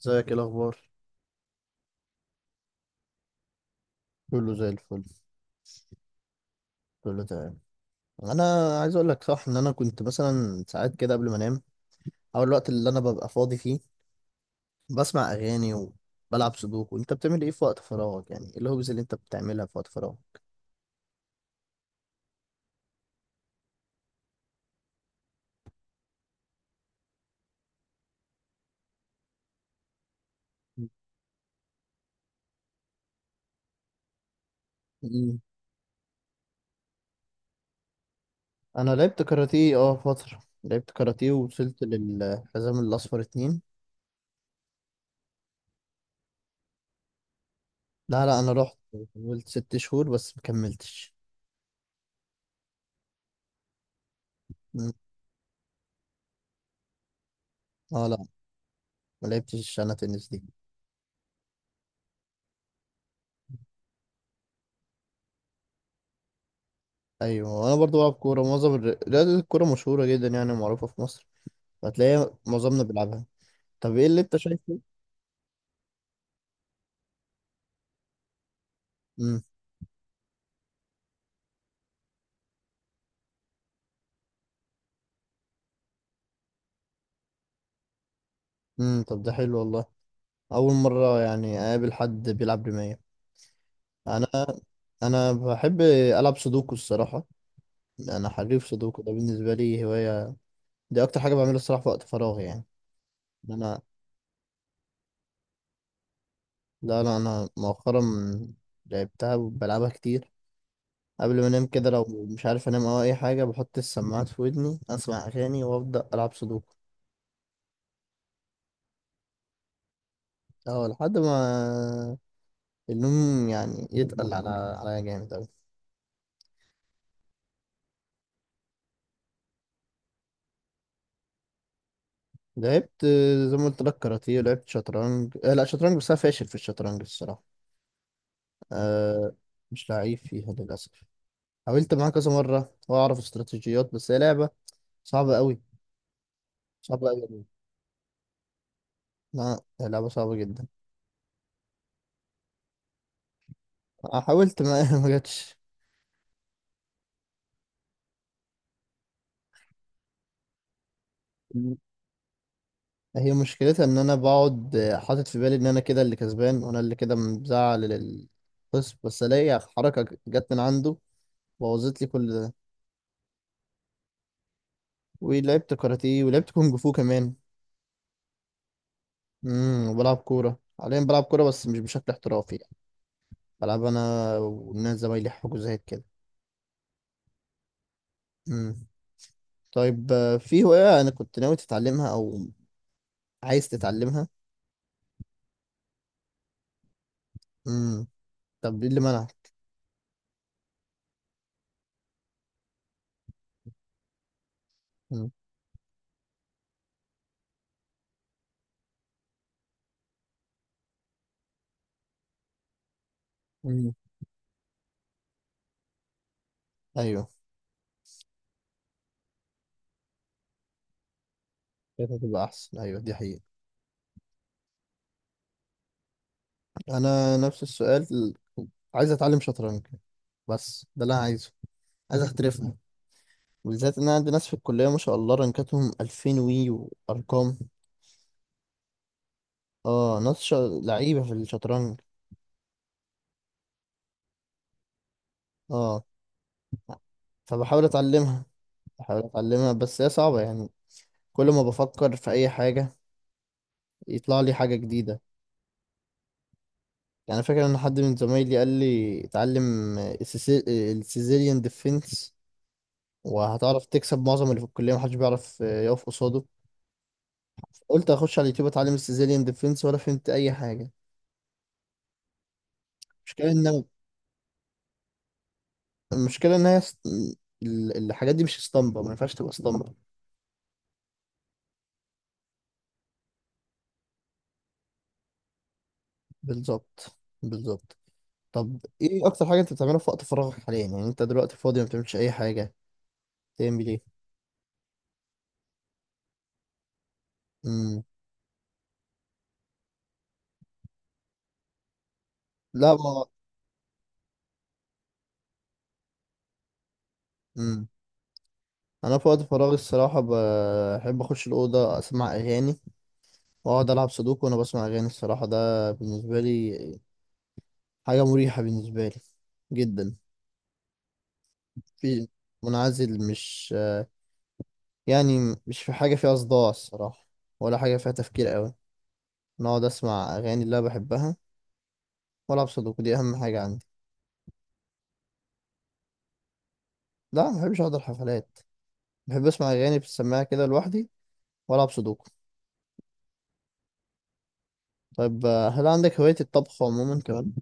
ازيك؟ ايه الاخبار؟ كله زي الفل، كله تمام. انا عايز اقول لك، صح، ان انا كنت مثلا ساعات كده قبل ما انام او الوقت اللي انا ببقى فاضي فيه بسمع اغاني وبلعب سودوكو. انت بتعمل ايه في وقت فراغك؟ يعني ايه الهوبز اللي انت بتعملها في وقت فراغك؟ مم. انا لعبت كاراتيه، اه، فتره، لعبت كاراتيه ووصلت للحزام الاصفر اتنين. لا، لا، انا رحت، حاولت ست شهور بس مكملتش. مم. اه لا، ما لعبتش انا تنس دي. ايوه انا برضو بلعب كوره. معظم رياضه الكوره مشهوره جدا، يعني معروفه في مصر. هتلاقي معظمنا بيلعبها. طب ايه اللي انت شايفه؟ امم. امم، طب ده حلو والله. اول مره يعني اقابل حد بيلعب رمايه. انا انا بحب العب سودوكو الصراحه. انا حريف سودوكو، ده بالنسبه لي هوايه. دي اكتر حاجه بعملها الصراحه في وقت فراغي يعني. إن انا لا، لا، انا مؤخرا لعبتها وبلعبها كتير. قبل ما انام كده، لو مش عارف انام او اي حاجه، بحط السماعات في ودني، اسمع اغاني وابدا العب سودوكو. اه، لحد ما النوم يعني يتقل على عليا جامد أوي. لعبت، زي ما قلت لك، كاراتيه، لعبت شطرنج. لا، شطرنج، بس انا فاشل في الشطرنج الصراحه. آه مش لعيب فيها للاسف. حاولت معاه كذا مره واعرف استراتيجيات، بس هي لعبه صعبه قوي. صعبه قوي. لا، هي لعبه صعبه جدا. حاولت، ما ما جاتش. هي مشكلتها ان انا بقعد حاطط في بالي ان انا كده اللي كسبان وانا اللي كده مزعل للخصم، بس الاقي حركه جت من عنده، بوظت لي كل ده. ولعبت كاراتيه، ولعبت كونج فو كمان. وبلعب كورة حاليا، بلعب كورة بس مش بشكل احترافي يعني. بلعب انا والناس زمايلي حجوزات كده. امم. طيب، في هواية انا كنت ناوي تتعلمها او عايز تتعلمها؟ امم. طب ايه اللي منعك؟ امم. امم، ايوه، كانت هتبقى احسن، ايوه دي حقيقة. انا نفس السؤال، عايز اتعلم شطرنج، بس ده اللي انا عايزه، عايز احترفها. بالذات ان انا عندي ناس في الكلية ما شاء الله رانكاتهم 2000 وي وارقام. اه، ناس لعيبة في الشطرنج. اه، فبحاول اتعلمها، بحاول اتعلمها بس هي صعبة يعني. كل ما بفكر في اي حاجة يطلع لي حاجة جديدة. يعني فاكر ان حد من زمايلي قال لي اتعلم السيزيليان ديفنس، وهتعرف تكسب معظم اللي في الكلية، محدش بيعرف يقف قصاده. قلت اخش على اليوتيوب اتعلم السيزيليان ديفنس، ولا فهمت اي حاجة. المشكلة ان المشكلة ان هي الحاجات دي مش اسطمبة، ما ينفعش تبقى اسطمبة. بالظبط، بالظبط. طب ايه اكتر حاجة انت بتعملها في وقت فراغك حاليا؟ يعني انت دلوقتي فاضي، ما بتعملش اي حاجة، تعمل ايه؟ لا، ما. مم. انا في وقت فراغي الصراحه بحب اخش الاوضه، اسمع اغاني واقعد العب سودوكو وانا بسمع اغاني الصراحه. ده بالنسبه لي حاجه مريحه بالنسبه لي جدا، في، منعزل، مش يعني مش في حاجه فيها صداع الصراحه، ولا حاجه فيها تفكير قوي. أنا اقعد اسمع اغاني اللي انا بحبها والعب سودوكو، دي اهم حاجه عندي. لا، ما بحبش احضر حفلات. بحب اسمع اغاني في السماعه كده لوحدي، والعب سودوكو. طيب، هل عندك هوايه الطبخ عموما كمان؟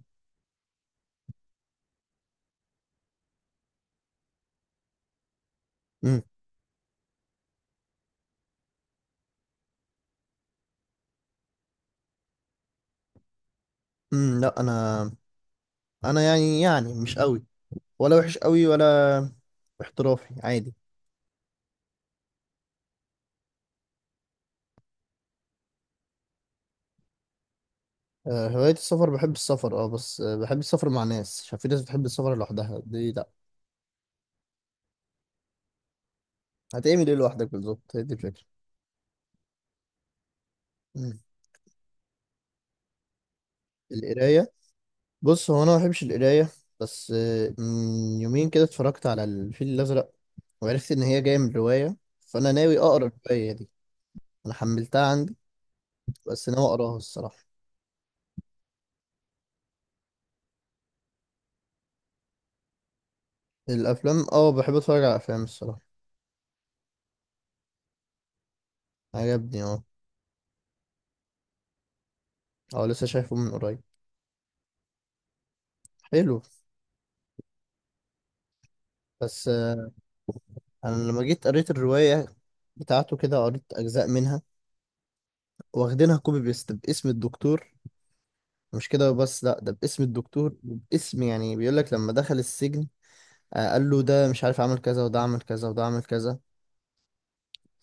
امم، امم. لا، انا يعني مش قوي، ولا وحش قوي، ولا احترافي، عادي. هواية السفر، بحب السفر اه. بس بحب السفر مع ناس، عشان في ناس بتحب السفر لوحدها، دي لا. هتعمل ايه لوحدك؟ بالظبط، هي دي الفكرة. مم. القراية؟ بص، هو انا ما بحبش القراية. بس من يومين كده اتفرجت على الفيل الأزرق، وعرفت ان هي جاية من رواية، فانا ناوي اقرا الرواية دي. انا حملتها عندي، بس ناوي اقراها الصراحة. الافلام، اه بحب اتفرج على افلام الصراحة. عجبني، اه. اه، لسه شايفه من قريب. حلو. بس انا لما جيت قريت الرواية بتاعته كده، قريت اجزاء منها، واخدينها كوبي بيست باسم الدكتور. مش كده بس، لا، ده باسم الدكتور وباسم، يعني بيقول لك لما دخل السجن، قال له ده مش عارف عمل كذا، وده عمل كذا، وده عمل كذا.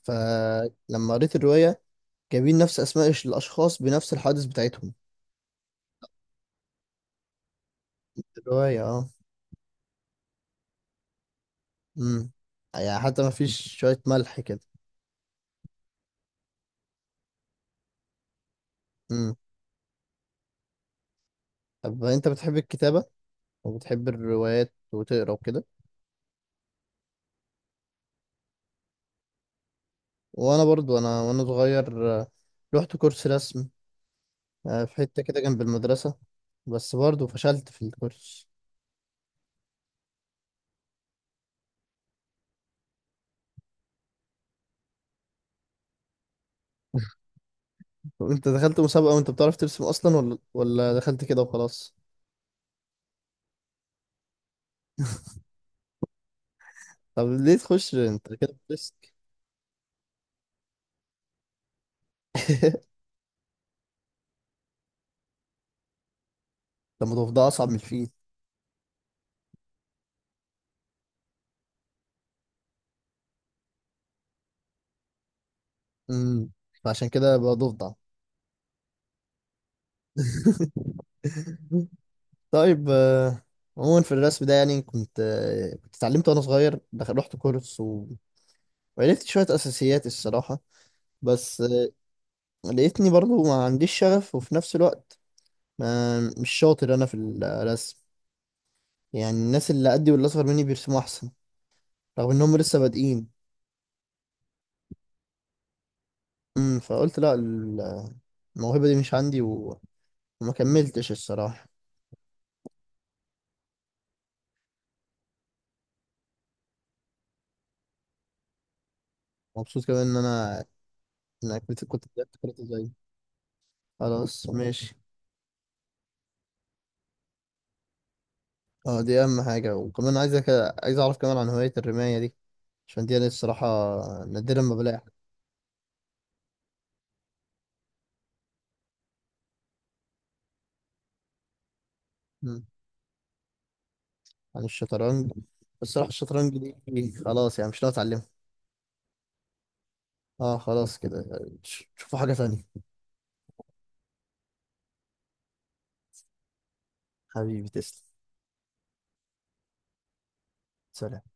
فلما قريت الرواية، جايبين نفس اسماء الاشخاص بنفس الحوادث بتاعتهم. الرواية، اه. امم. يعني حتى ما فيش شوية ملح كده. امم. طب انت بتحب الكتابة وبتحب الروايات وتقرا وكده؟ وانا برضو، انا وانا صغير، رحت كورس رسم، في حتة كده جنب المدرسة. بس برضو فشلت في الكورس. طب انت دخلت مسابقة وانت بتعرف ترسم اصلا ولا دخلت كده وخلاص؟ طب ليه تخش انت كده بترسك؟ طب ما ضفدع اصعب من الفيل؟ امم. فعشان كده بقى ضفدع. طيب، عموما في الرسم ده يعني كنت اتعلمت وانا صغير، رحت كورس وعرفت شوية اساسيات الصراحة، بس لقيتني برضو ما عنديش شغف، وفي نفس الوقت ما مش شاطر انا في الرسم. يعني الناس اللي قدي واللي اصغر مني بيرسموا احسن، رغم انهم لسه بادئين. فقلت لا، الموهبة دي مش عندي، وما كملتش الصراحة. مبسوط كمان ان انا، انك كنت بدأت كرة زي، خلاص ماشي. اه، دي اهم حاجة. وكمان عايزك، عايز اعرف كمان عن هواية الرماية دي، عشان دي، انا الصراحة نادرا ما بلاقي حد. مم. عن الشطرنج؟ بس الصراحة الشطرنج دي خلاص يعني، مش ناوي اتعلمها. اه خلاص كده يعني، شوفوا حاجة تانية. حبيبي تسلم. سلام.